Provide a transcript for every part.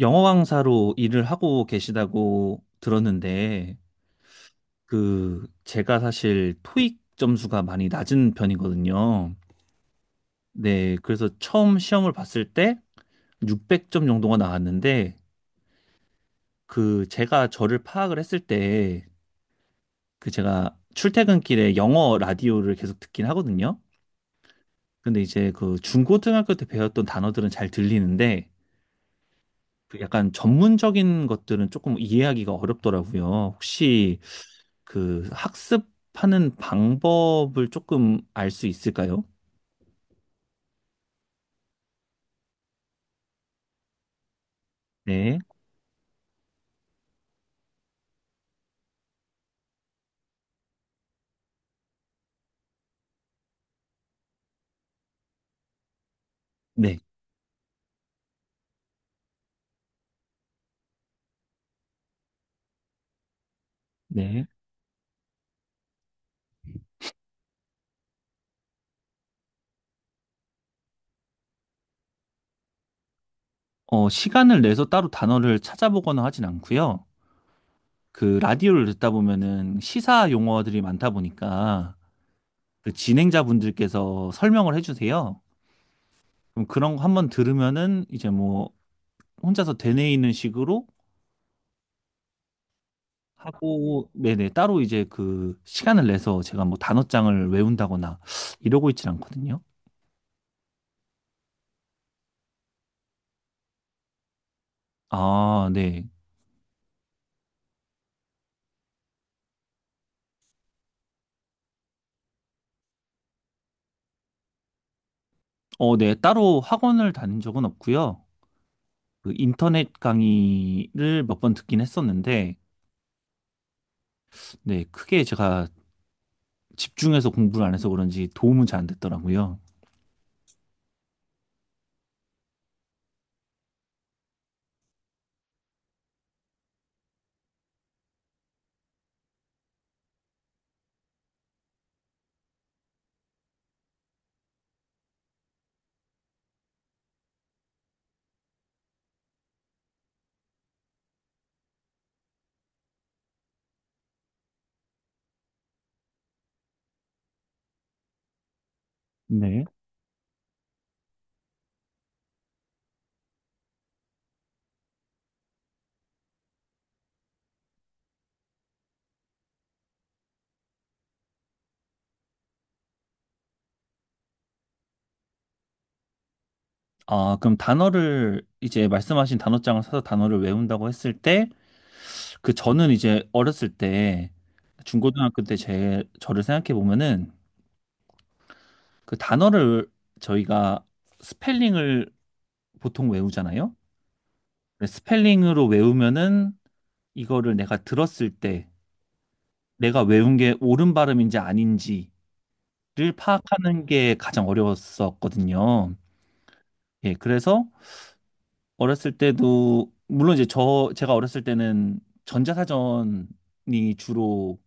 영어 강사로 일을 하고 계시다고 들었는데, 그, 제가 사실 토익 점수가 많이 낮은 편이거든요. 네, 그래서 처음 시험을 봤을 때 600점 정도가 나왔는데, 그, 제가 저를 파악을 했을 때, 그, 제가 출퇴근길에 영어 라디오를 계속 듣긴 하거든요. 근데 이제 그 중고등학교 때 배웠던 단어들은 잘 들리는데, 그 약간 전문적인 것들은 조금 이해하기가 어렵더라고요. 혹시 그 학습하는 방법을 조금 알 수 있을까요? 네, 네, 네. 어, 시간을 내서 따로 단어를 찾아보거나 하진 않고요. 그 라디오를 듣다 보면은 시사 용어들이 많다 보니까 그 진행자분들께서 설명을 해주세요. 그럼 그런 거 한번 들으면은 이제 뭐 혼자서 되뇌이는 식으로 하고, 네네, 따로 이제 그 시간을 내서 제가 뭐 단어장을 외운다거나 이러고 있진 않거든요. 아, 네. 어, 네. 따로 학원을 다닌 적은 없고요. 그 인터넷 강의를 몇 번 듣긴 했었는데, 네. 크게 제가 집중해서 공부를 안 해서 그런지 도움은 잘 안 됐더라고요. 네. 아, 그럼 단어를 이제 말씀하신 단어장을 사서 단어를 외운다고 했을 때, 그 저는 이제 어렸을 때, 중고등학교 때 저를 생각해 보면은 그 단어를 저희가 스펠링을 보통 외우잖아요. 스펠링으로 외우면은 이거를 내가 들었을 때 내가 외운 게 옳은 발음인지 아닌지를 파악하는 게 가장 어려웠었거든요. 예, 그래서 어렸을 때도 물론 이제 제가 어렸을 때는 전자사전이 주로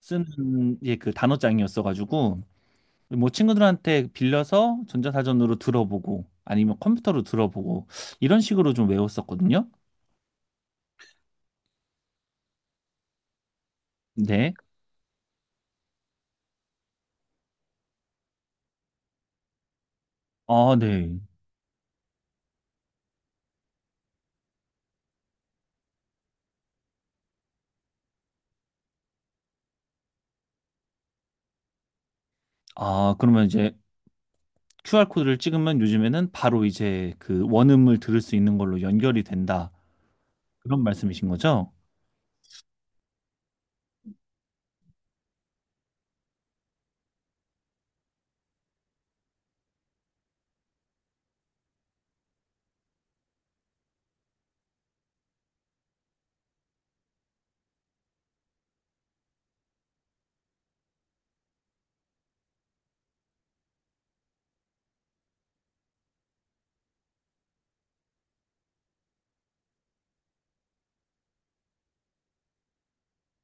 쓰는 예, 그 단어장이었어가지고 뭐 친구들한테 빌려서 전자사전으로 들어보고 아니면 컴퓨터로 들어보고 이런 식으로 좀 외웠었거든요. 네. 아, 네. 아, 그러면 이제 QR코드를 찍으면 요즘에는 바로 이제 그 원음을 들을 수 있는 걸로 연결이 된다. 그런 말씀이신 거죠?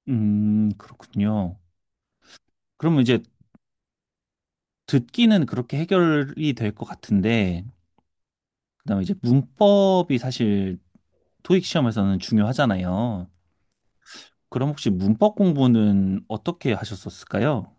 그렇군요. 그러면 이제 듣기는 그렇게 해결이 될 것 같은데, 그다음에 이제 문법이 사실 토익 시험에서는 중요하잖아요. 그럼 혹시 문법 공부는 어떻게 하셨었을까요?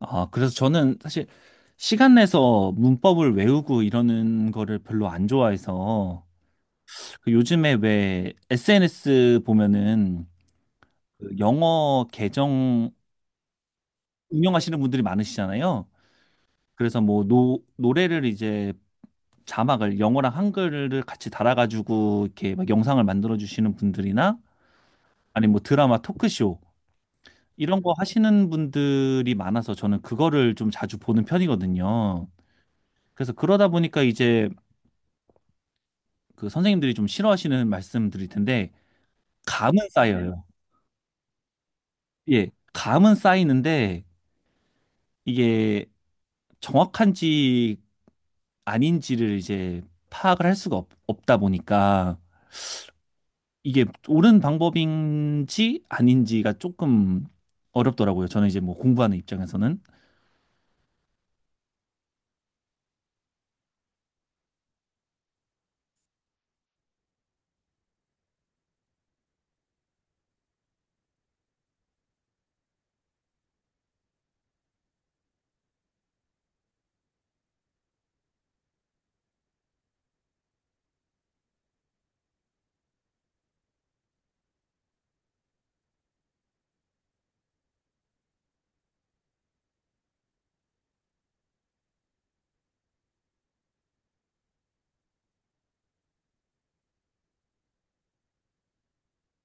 아, 그래서 저는 사실 시간 내서 문법을 외우고 이러는 거를 별로 안 좋아해서 그 요즘에 왜 SNS 보면은 그 영어 계정 운영하시는 분들이 많으시잖아요. 그래서 뭐 노래를 이제 자막을 영어랑 한글을 같이 달아가지고 이렇게 막 영상을 만들어 주시는 분들이나 아니면 뭐 드라마 토크쇼 이런 거 하시는 분들이 많아서 저는 그거를 좀 자주 보는 편이거든요. 그래서 그러다 보니까 이제 그 선생님들이 좀 싫어하시는 말씀드릴 텐데 감은 쌓여요. 예, 감은 쌓이는데 이게 정확한지 아닌지를 이제 파악을 할 수가 다 보니까 이게 옳은 방법인지 아닌지가 조금 어렵더라고요. 저는 이제 뭐 공부하는 입장에서는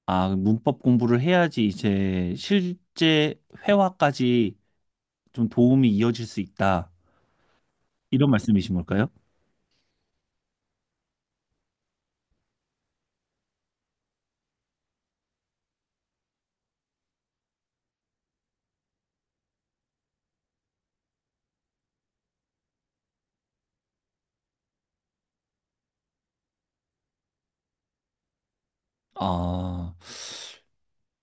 아, 문법 공부를 해야지 이제 실제 회화까지 좀 도움이 이어질 수 있다. 이런 말씀이신 걸까요? 아,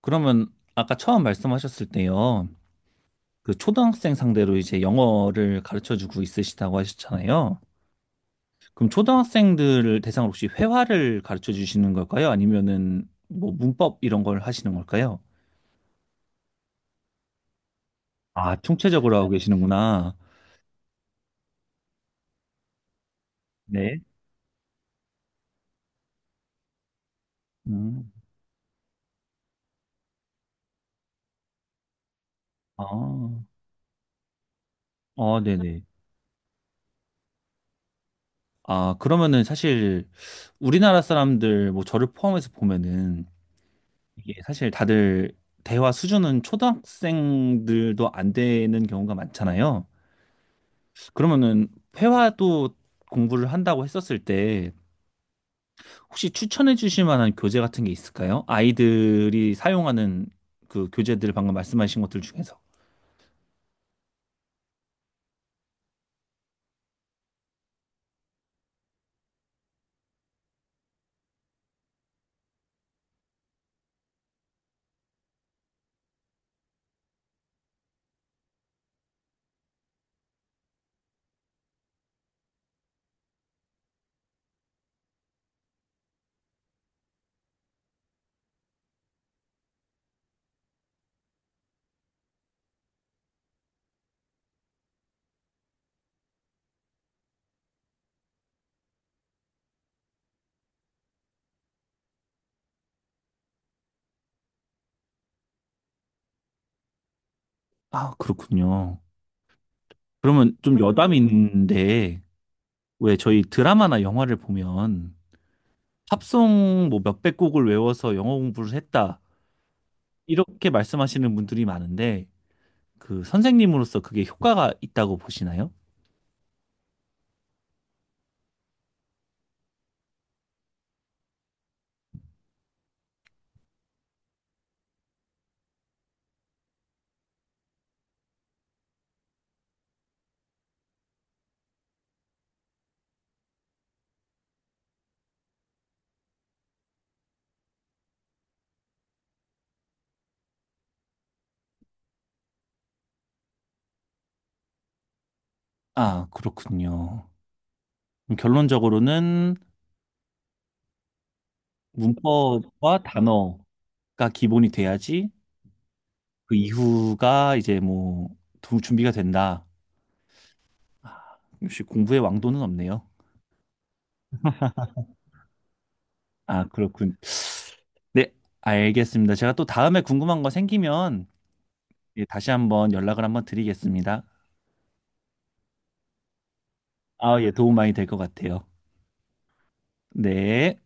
그러면 아까 처음 말씀하셨을 때요. 그 초등학생 상대로 이제 영어를 가르쳐 주고 있으시다고 하셨잖아요. 그럼 초등학생들을 대상으로 혹시 회화를 가르쳐 주시는 걸까요? 아니면은 뭐 문법 이런 걸 하시는 걸까요? 아, 총체적으로 하고 계시는구나. 네. 음. 아, 어, 네네. 아, 그러면은 사실 우리나라 사람들 뭐 저를 포함해서 보면은 이게 사실 다들 대화 수준은 초등학생들도 안 되는 경우가 많잖아요. 그러면은 회화도 공부를 한다고 했었을 때 혹시 추천해 주실 만한 교재 같은 게 있을까요? 아이들이 사용하는 그 교재들 방금 말씀하신 것들 중에서. 아, 그렇군요. 그러면 좀 여담이 있는데, 왜 저희 드라마나 영화를 보면 팝송 뭐 몇백 곡을 외워서 영어 공부를 했다. 이렇게 말씀하시는 분들이 많은데, 그 선생님으로서 그게 효과가 있다고 보시나요? 아, 그렇군요. 그럼 결론적으로는 문법과 단어가 기본이 돼야지 그 이후가 이제 뭐 준비가 된다. 아, 역시 공부의 왕도는 없네요. 아, 그렇군. 네, 알겠습니다. 제가 또 다음에 궁금한 거 생기면 예, 다시 한번 연락을 한번 드리겠습니다. 아, 예, 도움 많이 될 것 같아요. 네.